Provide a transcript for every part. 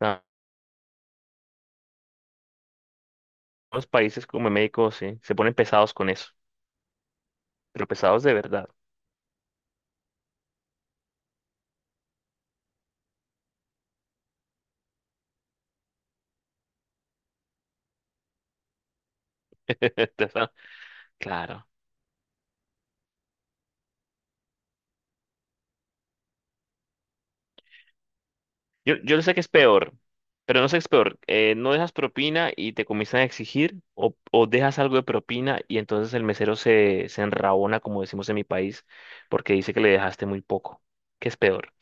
Ah, los países como México, sí, se ponen pesados con eso, pero pesados de verdad. Entonces, ah, claro. Yo sé que es peor, pero no sé qué es peor. No dejas propina y te comienzan a exigir, o dejas algo de propina y entonces el mesero se enrabona, como decimos en mi país, porque dice que le dejaste muy poco. ¿Qué es peor?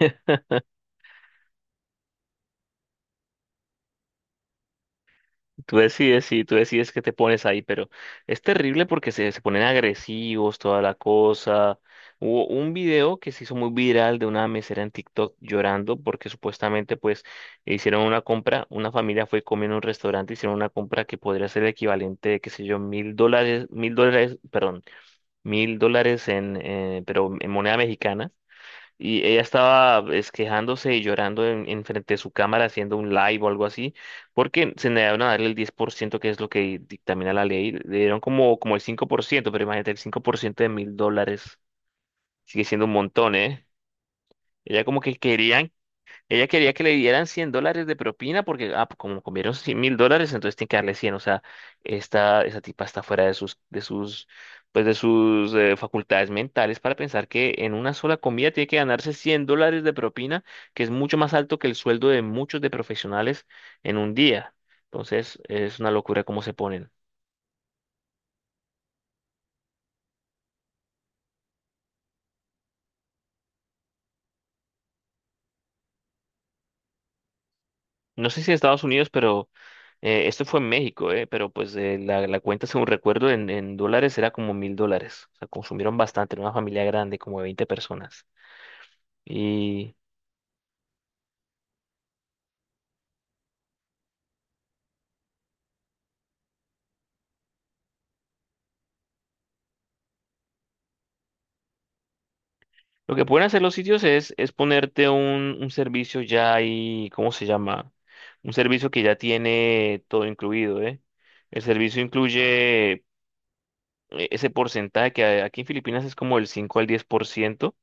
Tú decides, sí, tú decides qué te pones ahí, pero es terrible porque se ponen agresivos, toda la cosa. Hubo un video que se hizo muy viral de una mesera en TikTok llorando porque supuestamente pues hicieron una compra, una familia fue comiendo en un restaurante, hicieron una compra que podría ser el equivalente de, qué sé yo, 1.000 dólares, 1.000 dólares, perdón, 1.000 dólares pero en moneda mexicana. Y ella estaba quejándose y llorando en frente de su cámara haciendo un live o algo así, porque se negaron a darle el 10% que es lo que dictamina la ley. Le dieron como, como el 5%, pero imagínate, el 5% de 1.000 dólares sigue siendo un montón, ¿eh? Ella como que querían ella quería que le dieran 100 dólares de propina porque, ah, pues, como comieron 100 mil dólares, entonces tiene que darle cien. O sea, esta, esa tipa está fuera pues, de sus facultades mentales para pensar que en una sola comida tiene que ganarse 100 dólares de propina, que es mucho más alto que el sueldo de muchos de profesionales en un día. Entonces, es una locura cómo se ponen. No sé si en Estados Unidos, pero esto fue en México, pero pues la cuenta, según recuerdo, en dólares era como 1.000 dólares. O sea, consumieron bastante, era una familia grande, como de 20 personas. Y lo que pueden hacer los sitios es ponerte un servicio ya ahí, ¿cómo se llama? Un servicio que ya tiene todo incluido, ¿eh? El servicio incluye ese porcentaje que aquí en Filipinas es como el 5 al 10%.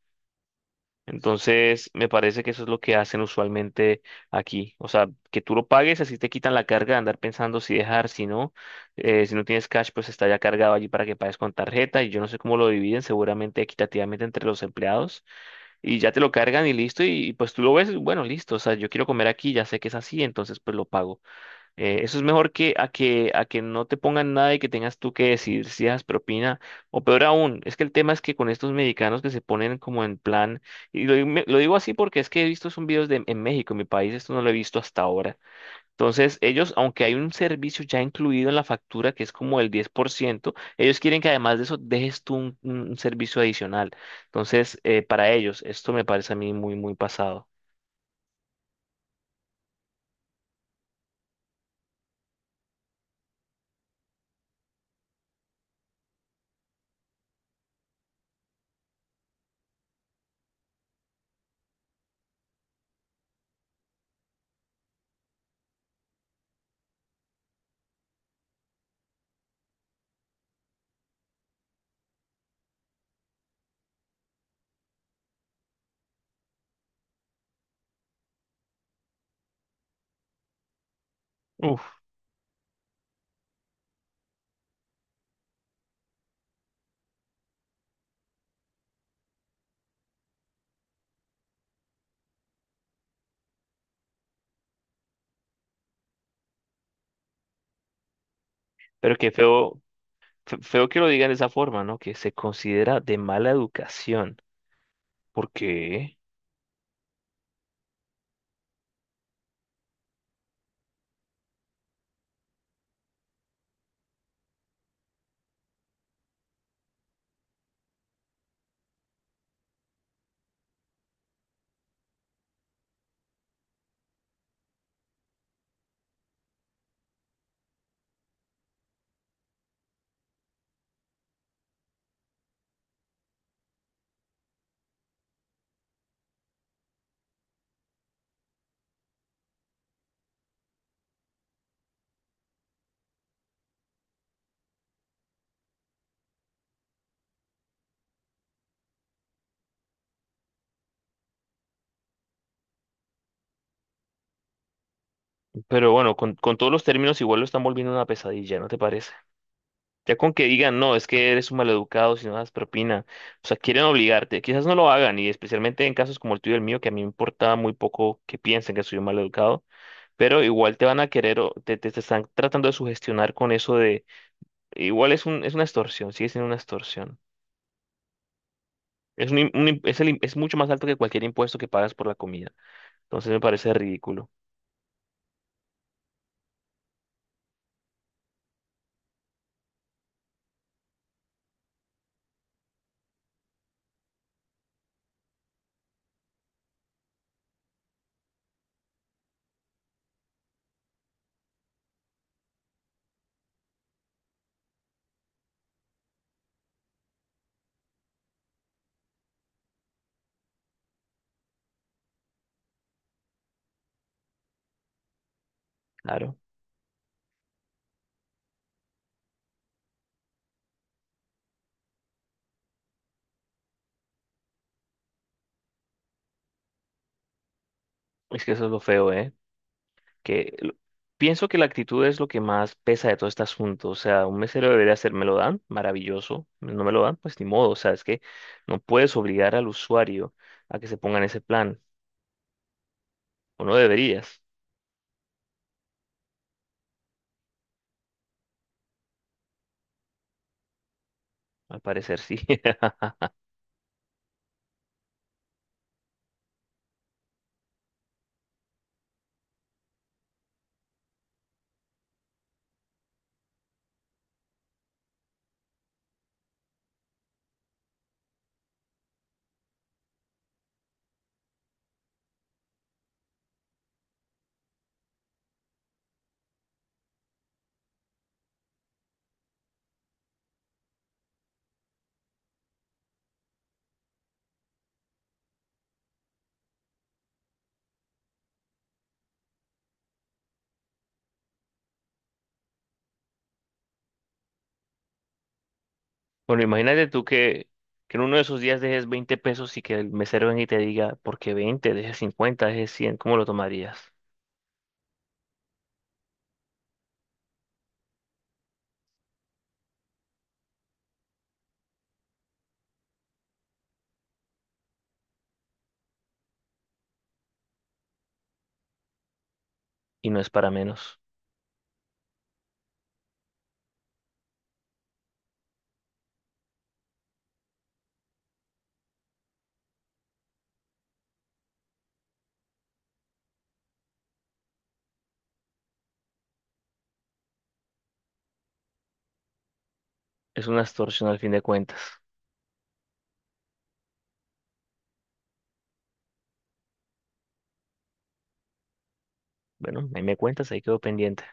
Entonces, me parece que eso es lo que hacen usualmente aquí. O sea, que tú lo pagues, así te quitan la carga de andar pensando si dejar, si no. Si no tienes cash, pues está ya cargado allí para que pagues con tarjeta. Y yo no sé cómo lo dividen, seguramente equitativamente entre los empleados. Y ya te lo cargan y listo. Y pues tú lo ves, bueno, listo. O sea, yo quiero comer aquí, ya sé que es así, entonces pues lo pago. Eso es mejor que a que no te pongan nada y que tengas tú que decidir si dejas propina, o peor aún, es que el tema es que con estos mexicanos que se ponen como en plan, y lo digo así porque es que he visto son videos de, en México, en mi país, esto no lo he visto hasta ahora. Entonces, ellos, aunque hay un servicio ya incluido en la factura que es como el 10%, ellos quieren que además de eso dejes tú un servicio adicional. Entonces, para ellos, esto me parece a mí muy, muy pasado. Uf, pero qué feo. Feo que lo digan de esa forma, ¿no? Que se considera de mala educación. ¿Por qué? Pero bueno, con todos los términos igual lo están volviendo una pesadilla, ¿no te parece? Ya con que digan, no, es que eres un maleducado si no das propina. O sea, quieren obligarte. Quizás no lo hagan, y especialmente en casos como el tuyo y el mío, que a mí me importa muy poco que piensen que soy un maleducado, pero igual te van a querer, o te están tratando de sugestionar con eso de, igual es una extorsión, sigue siendo una extorsión. Es, un im- es el im- es mucho más alto que cualquier impuesto que pagas por la comida. Entonces me parece ridículo, claro. Es que eso es lo feo, ¿eh? Que lo... pienso que la actitud es lo que más pesa de todo este asunto. O sea, un mesero debería ser, me lo dan, maravilloso. No me lo dan, pues ni modo. O sea, es que no puedes obligar al usuario a que se ponga en ese plan. O no deberías, al parecer sí. Bueno, imagínate tú que en uno de esos días dejes 20 pesos y que el mesero venga y te diga, ¿por qué 20? Dejes 50, dejes 100. ¿Cómo lo tomarías? Y no es para menos. Es una extorsión al fin de cuentas. Bueno, ahí me cuentas, ahí quedo pendiente.